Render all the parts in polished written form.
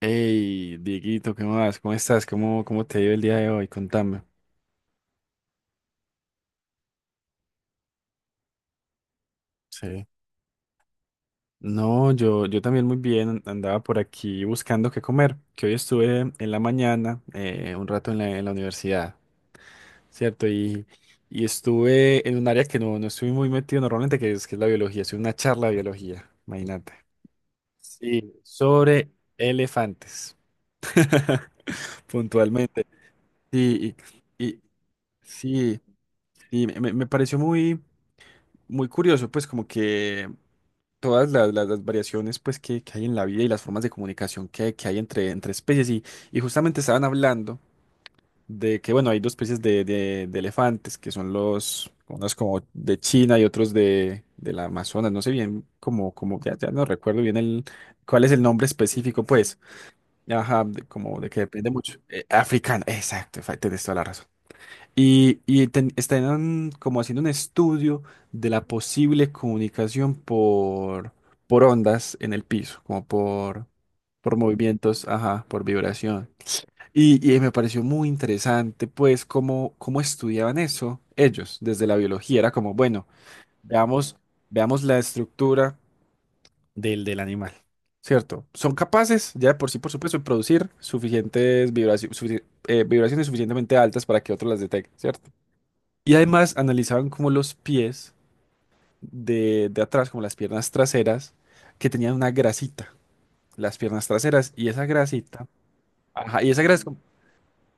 Hey, Dieguito, ¿qué más? ¿Cómo estás? ¿Cómo te ha ido el día de hoy? Contame. Sí. No, yo también muy bien, andaba por aquí buscando qué comer, que hoy estuve en la mañana, un rato en la universidad, ¿cierto? Y estuve en un área que no estoy muy metido normalmente, que es la biología, estuve una charla de biología, imagínate. Sí, sobre elefantes, puntualmente. Sí, y, y- sí, sí, me pareció muy curioso, pues como que todas las variaciones pues que hay en la vida y las formas de comunicación que hay entre especies y justamente estaban hablando de que bueno, hay dos especies de, de elefantes que son unos como de China y otros de la Amazonas, no sé bien como ya no recuerdo bien cuál es el nombre específico pues, ajá, como de que depende mucho. Africano, exacto, tenés toda la razón. Están como haciendo un estudio de la posible comunicación por ondas en el piso, como por movimientos, ajá, por vibración. Y me pareció muy interesante, pues, cómo estudiaban eso ellos desde la biología. Era como, bueno, veamos, veamos la estructura del animal, ¿cierto? Son capaces, ya de por sí, por supuesto, de producir suficientes vibraciones suficientemente altas para que otros las detecten, ¿cierto? Y además analizaban como los pies de atrás, como las piernas traseras, que tenían una grasita, las piernas traseras, y esa grasita, ajá, y esa grasa como,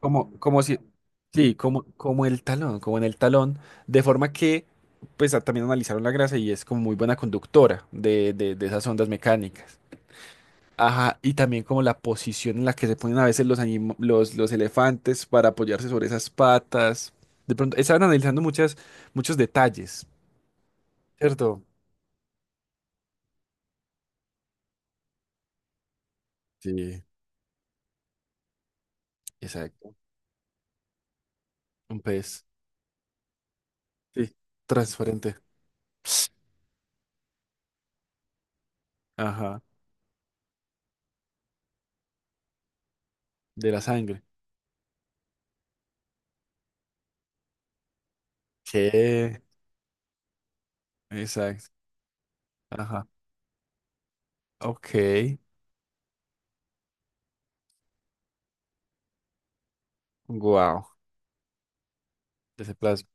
como, como si, sí, como el talón, como en el talón, de forma que, también analizaron la grasa y es como muy buena conductora de esas ondas mecánicas. Ajá, y también como la posición en la que se ponen a veces los elefantes para apoyarse sobre esas patas. De pronto, estaban analizando muchas, muchos detalles. ¿Cierto? Sí, exacto. Un pez. Sí, transparente. Ajá, de la sangre. ¿Qué? Exacto. Ajá. Ok. Wow. Ese plasma.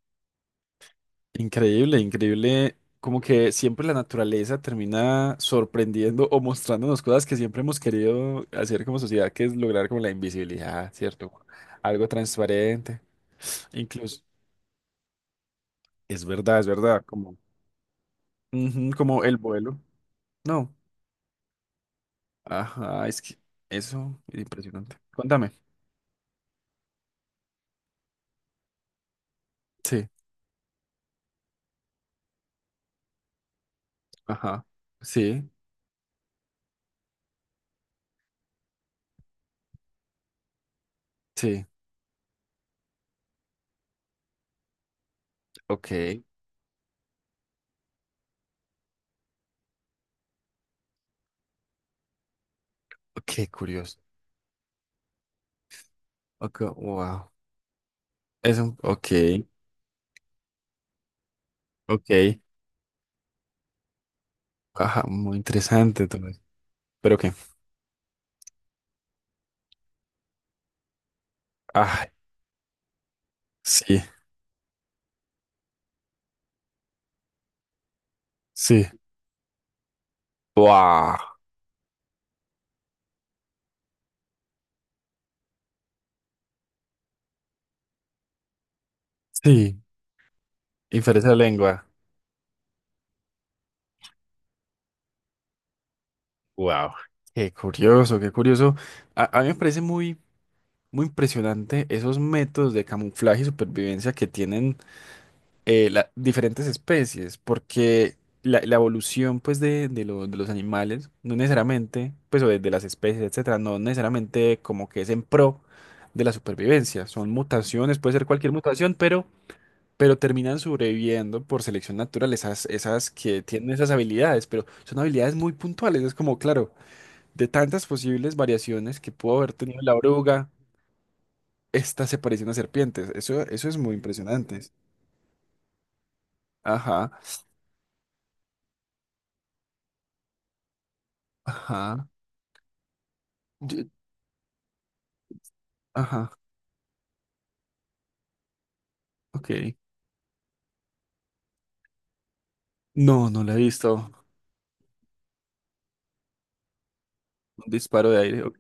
Increíble, increíble. Como que siempre la naturaleza termina sorprendiendo o mostrándonos cosas que siempre hemos querido hacer como sociedad, que es lograr como la invisibilidad, ¿cierto? Algo transparente. Incluso. Es verdad, es verdad. Como, ujú, como el vuelo. No. Ajá, es que eso es impresionante. Cuéntame. Sí. Ajá. Sí, sí. Ok. Qué curioso. Ok, wow. Eso, ok, ok. Ajá, muy interesante todo eso. ¿Pero qué? Ah, sí, sí. Wow. Sí, inferencia de lengua. Wow. Qué curioso, qué curioso. A mí me parece muy, muy impresionante esos métodos de camuflaje y supervivencia que tienen. Diferentes especies, porque la evolución pues de los animales, no necesariamente, pues o de las especies, etcétera, no necesariamente como que es en pro de la supervivencia, son mutaciones, puede ser cualquier mutación, pero terminan sobreviviendo por selección natural, esas que tienen esas habilidades, pero son habilidades muy puntuales, es como, claro, de tantas posibles variaciones que pudo haber tenido la oruga, esta se parece a una serpiente, eso es muy impresionante. Ajá, ajá. Ajá, ok. No, no la he visto. Un disparo de aire, ok.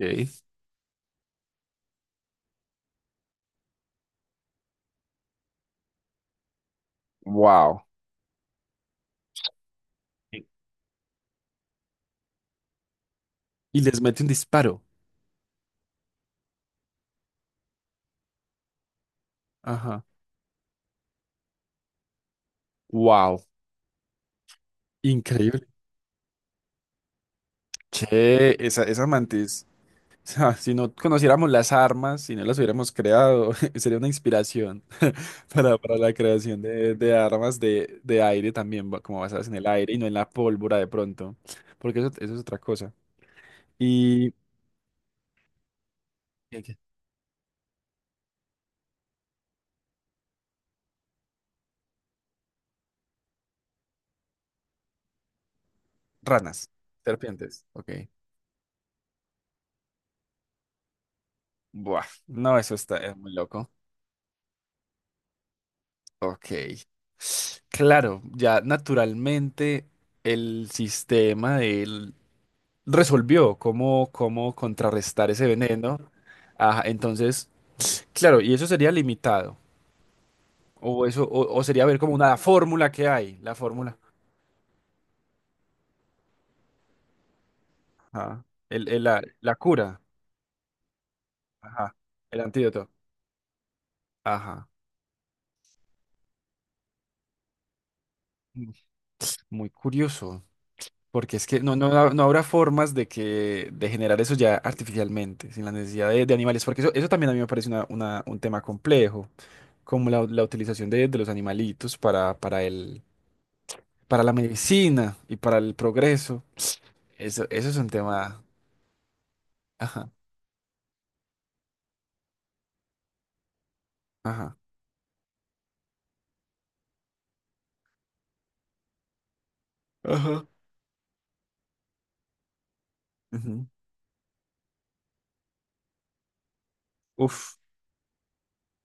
Wow, y les mete un disparo. Ajá, wow. Increíble. Che, esa mantis. O sea, si no conociéramos las armas, si no las hubiéramos creado, sería una inspiración para la creación de armas de aire también, como basadas en el aire y no en la pólvora de pronto, porque eso es otra cosa. Y qué? Ranas, serpientes, ok. Buah, no, eso está es muy loco. Ok. Claro, ya naturalmente el sistema de él resolvió cómo contrarrestar ese veneno. Ajá, entonces, claro, y eso sería limitado. O eso, o sería ver como una fórmula que hay, la fórmula. Ajá. La cura. Ajá. El antídoto. Ajá. Mm. Muy curioso. Porque es que no habrá formas de que de generar eso ya artificialmente, sin la necesidad de animales, porque eso también a mí me parece un tema complejo, como la utilización de los animalitos para la medicina y para el progreso. Eso es un tema. Ajá, ajá. Ajá. Ujú. Uf,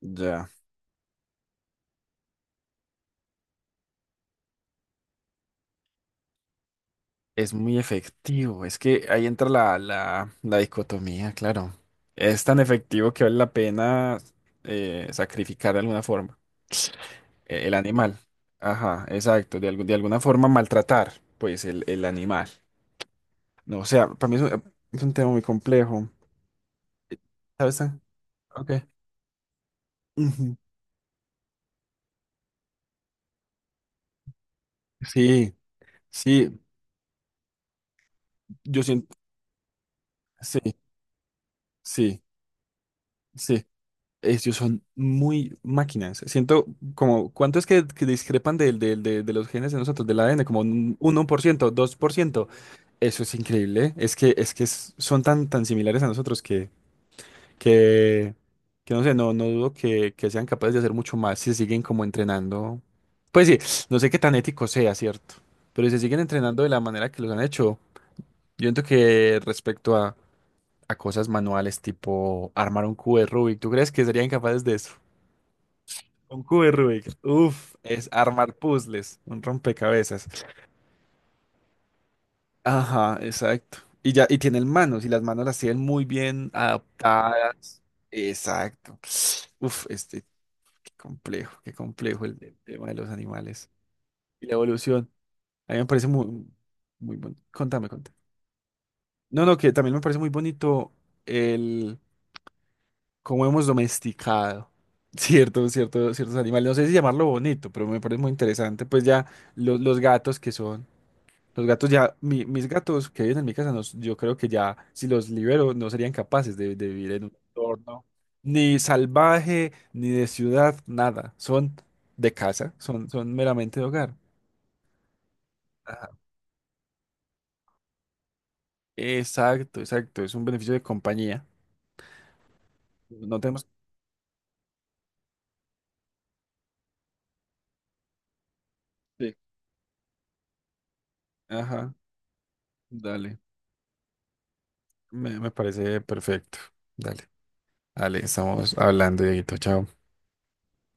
ya. Es muy efectivo. Es que ahí entra la dicotomía, claro. Es tan efectivo que vale la pena sacrificar de alguna forma. El animal. Ajá, exacto. De alguna forma maltratar, pues, el animal. No, o sea, para mí es un, tema muy complejo. Eh, ¿Sabes? Ok. Ujú. Sí, sí, yo siento, sí, sí, sí. Ellos son muy máquinas. Siento como, ¿cuánto es que discrepan de los genes de nosotros, del ADN? Como un 1%, 2%. Eso es increíble. Es que son tan, tan similares a nosotros que, que no sé, no dudo que sean capaces de hacer mucho más si siguen como entrenando. Pues sí, no sé qué tan ético sea, ¿cierto? Pero si siguen entrenando de la manera que los han hecho, yo siento que respecto a cosas manuales tipo armar un cubo de Rubik, ¿tú crees que serían capaces de eso? Un cubo de Rubik, uff, es armar puzzles, un rompecabezas. Ajá, exacto. Y ya, y tienen manos, y las manos las tienen muy bien adaptadas. Exacto. Uf. Qué complejo el tema de los animales y la evolución. A mí me parece muy, muy bonito. Contame, contame. No, no, que también me parece muy bonito el cómo hemos domesticado ciertos animales. No sé si llamarlo bonito, pero me parece muy interesante. Pues ya los gatos que son. Los gatos ya, mis gatos que viven en mi casa, yo creo que ya si los libero no serían capaces de vivir en un entorno ni salvaje, ni de ciudad, nada. Son de casa, son meramente de hogar. Ajá. Exacto, exacto. Es un beneficio de compañía. No tenemos. Sí. Ajá, dale. Me parece perfecto. Dale, dale, estamos hablando, Dieguito. Chao.